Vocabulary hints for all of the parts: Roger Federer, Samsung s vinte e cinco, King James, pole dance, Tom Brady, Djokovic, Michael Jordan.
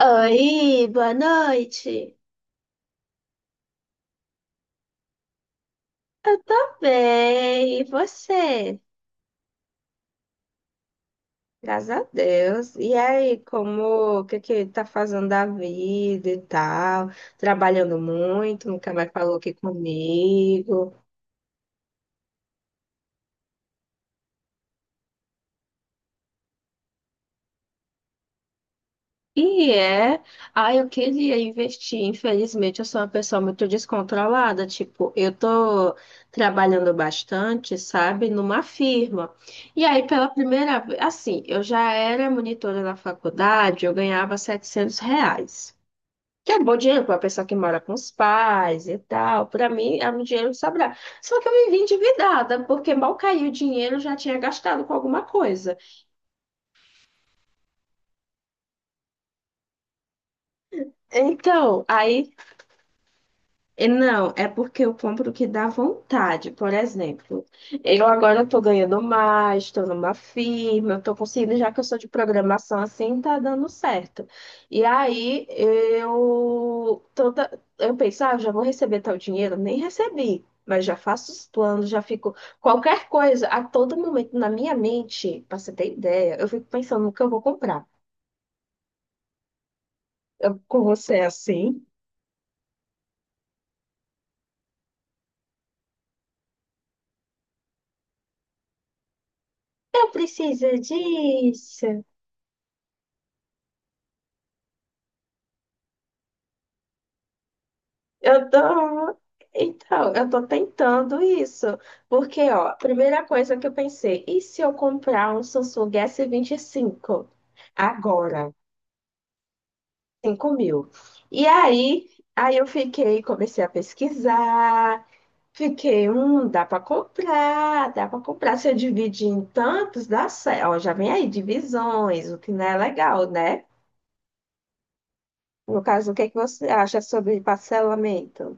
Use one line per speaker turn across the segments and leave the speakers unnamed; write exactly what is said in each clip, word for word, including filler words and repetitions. Oi, boa noite. Eu tô bem, e você? Graças a Deus. E aí, como, o que que tá fazendo da vida e tal? Trabalhando muito, nunca mais falou aqui comigo. E é, ah, eu queria investir, infelizmente eu sou uma pessoa muito descontrolada, tipo, eu tô trabalhando bastante, sabe, numa firma. E aí, pela primeira vez, assim, eu já era monitora na faculdade, eu ganhava setecentos reais. Que é bom dinheiro para uma pessoa que mora com os pais e tal. Para mim, é um dinheiro que sobra. Só que eu me vi endividada, porque mal caiu o dinheiro, eu já tinha gastado com alguma coisa. Então, aí E Não, é porque eu compro o que dá vontade. Por exemplo, eu agora estou ganhando mais, estou numa firma, estou conseguindo, já que eu sou de programação assim, tá dando certo. E aí eu toda, eu penso, ah, já vou receber tal dinheiro, nem recebi, mas já faço os planos, já fico qualquer coisa, a todo momento na minha mente, para você ter ideia, eu fico pensando no que eu vou comprar. Eu, com você é assim, eu preciso disso. Eu tô. Então, eu tô tentando isso. Porque, ó, a primeira coisa que eu pensei, e se eu comprar um Samsung s vinte e cinco agora? Cinco mil. E aí, aí eu fiquei, comecei a pesquisar, fiquei, hum, dá para comprar, dá para comprar. Se eu dividir em tantos, dá certo. Ó, já vem aí divisões, o que não é legal, né? No caso, o que é que você acha sobre parcelamento?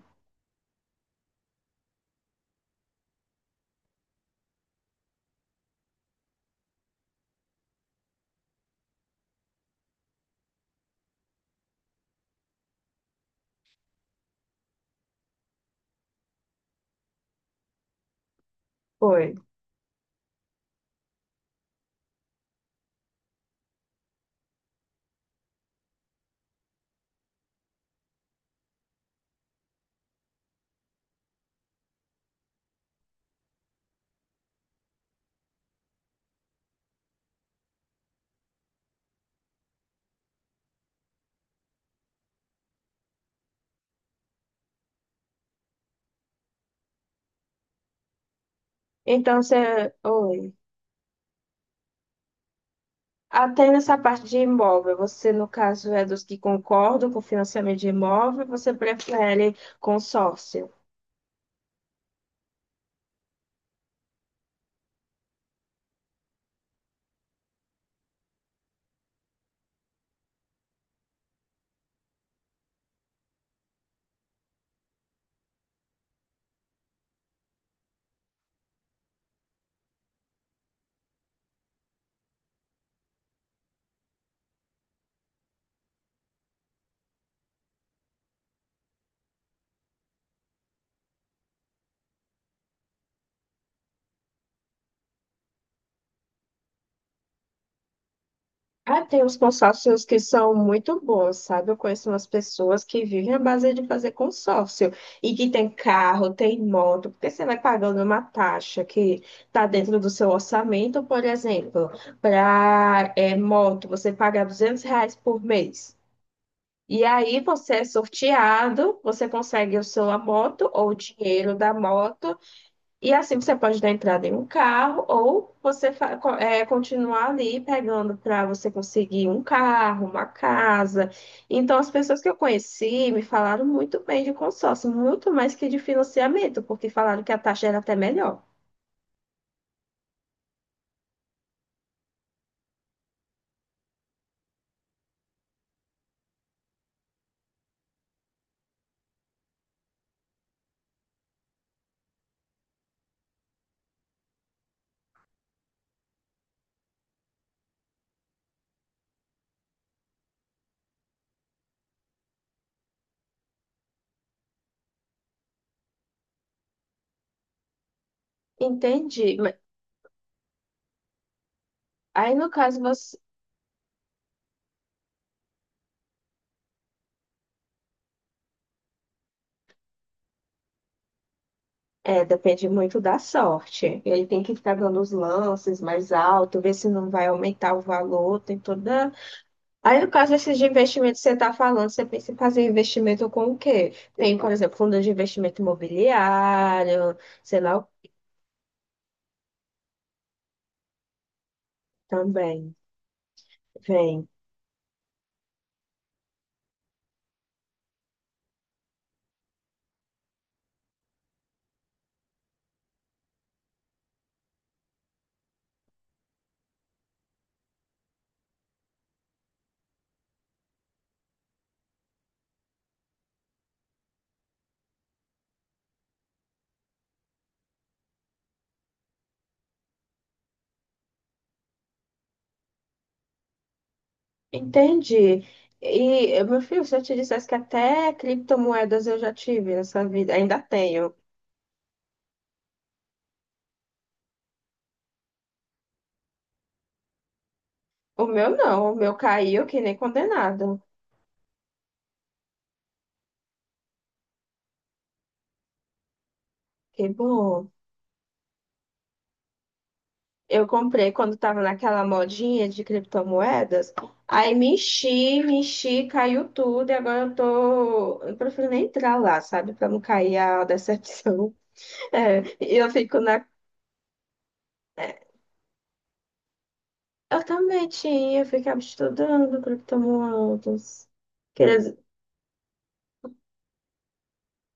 Oi. Então, você. Oi. Até nessa parte de imóvel, você, no caso, é dos que concordam com o financiamento de imóvel, você prefere consórcio? Ah, tem uns consórcios que são muito bons, sabe? Eu conheço umas pessoas que vivem à base de fazer consórcio e que tem carro, tem moto, porque você vai pagando uma taxa que está dentro do seu orçamento, por exemplo, para moto, você paga duzentos reais por mês. E aí você é sorteado, você consegue o seu a moto ou o dinheiro da moto, e assim você pode dar entrada em um carro ou você fa- co- é, continuar ali pegando para você conseguir um carro, uma casa. Então as pessoas que eu conheci me falaram muito bem de consórcio, muito mais que de financiamento, porque falaram que a taxa era até melhor. Entendi. Mas Aí no caso você É, depende muito da sorte. Ele tem que ficar dando os lances mais alto, ver se não vai aumentar o valor, tem toda. Aí, no caso desses de investimento que você está falando, você pensa em fazer investimento com o quê? Tem, por exemplo, fundo de investimento imobiliário, sei lá, o- também vem. Entendi. E, meu filho, se eu te dissesse que até criptomoedas eu já tive nessa vida, ainda tenho. O meu não, o meu caiu que nem condenado. Que bom. Eu comprei quando tava naquela modinha de criptomoedas. Aí me enchi, me enchi, caiu tudo. E agora eu tô. Eu prefiro nem entrar lá, sabe? Pra não cair a decepção. É, e eu fico na. é, Eu também tinha, eu ficava estudando criptomoedas. Quer dizer,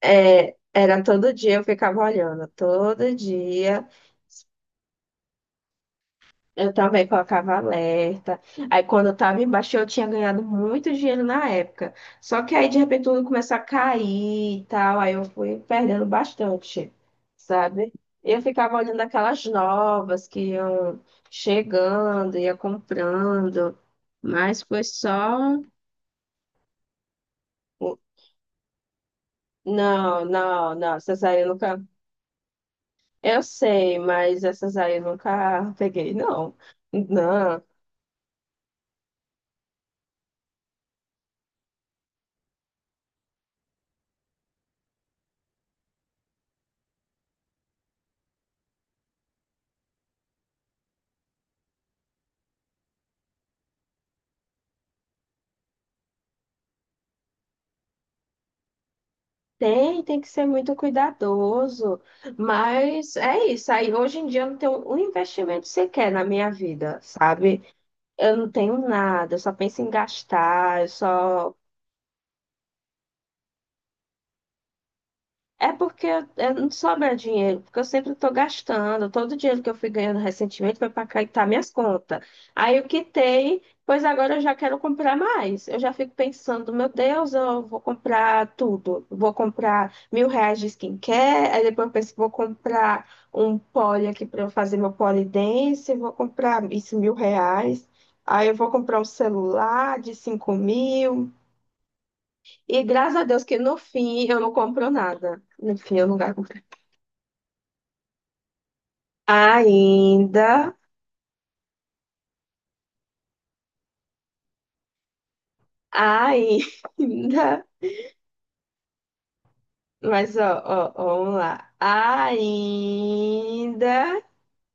é, era todo dia, eu ficava olhando, todo dia. Eu também colocava alerta. Aí quando eu tava embaixo, eu tinha ganhado muito dinheiro na época. Só que aí de repente tudo começou a cair e tal. Aí eu fui perdendo bastante, sabe? E eu ficava olhando aquelas novas que iam chegando, ia comprando. Mas foi só. Não, não, não. Essas aí eu nunca. Eu sei, mas essas aí eu nunca peguei, não. Não. Tem, tem que ser muito cuidadoso, mas é isso. Aí hoje em dia eu não tenho um investimento sequer na minha vida, sabe? Eu não tenho nada, eu só penso em gastar, eu só. É porque eu, eu não sobra dinheiro, porque eu sempre estou gastando. Todo o dinheiro que eu fui ganhando recentemente foi para quitar minhas contas. Aí eu quitei, pois agora eu já quero comprar mais. Eu já fico pensando, meu Deus, eu vou comprar tudo. Vou comprar mil reais de skincare, aí depois eu penso, vou comprar um pole aqui para eu fazer meu pole dance, vou comprar isso mil reais. Aí eu vou comprar um celular de cinco mil. E graças a Deus que no fim eu não compro nada. No fim, eu não gasto. Ainda, ainda, mas ó, ó, ó, vamos lá. Ainda,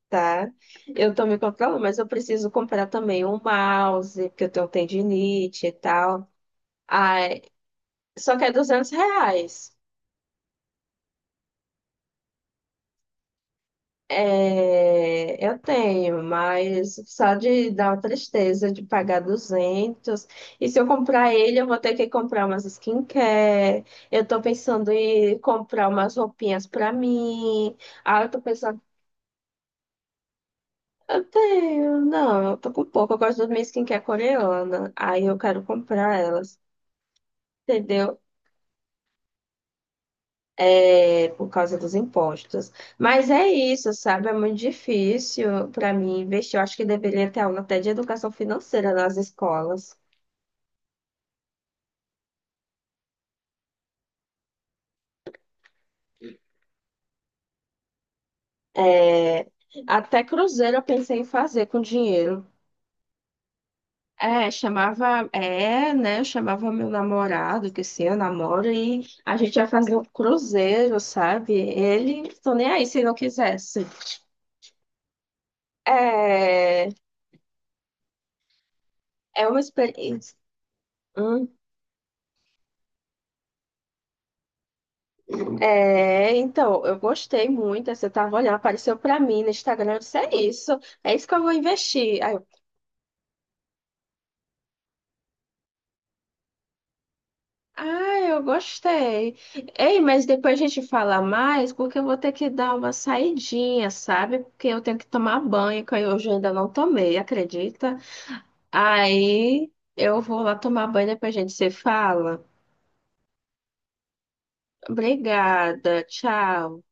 tá? Eu tô me controlando, mas eu preciso comprar também um mouse, porque eu tenho tendinite e tal. Ai, só que é duzentos reais. É, eu tenho, mas só de dar uma tristeza de pagar duzentos. E se eu comprar ele, eu vou ter que comprar umas skincare. Eu tô pensando em comprar umas roupinhas pra mim. Ah, eu tô pensando, eu tenho, não, eu tô com pouco. Eu gosto das minhas skincare coreana. Aí eu quero comprar elas, entendeu? É, por causa dos impostos. Mas é isso, sabe? É muito difícil para mim investir. Eu acho que deveria ter aula até de educação financeira nas escolas. É, até cruzeiro eu pensei em fazer com dinheiro. É, chamava, é, né? Eu chamava meu namorado, que sim, eu namoro, e a gente ia fazer um cruzeiro, sabe? Ele, tô nem aí se não quisesse. É, é uma experiência. É, então, eu gostei muito. Você tava olhando, apareceu pra mim no Instagram. Eu disse, é isso, é isso que eu vou investir. Aí eu, ah, eu gostei. Ei, mas depois a gente fala mais, porque eu vou ter que dar uma saidinha, sabe? Porque eu tenho que tomar banho, que eu hoje ainda não tomei, acredita? Aí eu vou lá tomar banho, depois a gente se fala. Obrigada, tchau.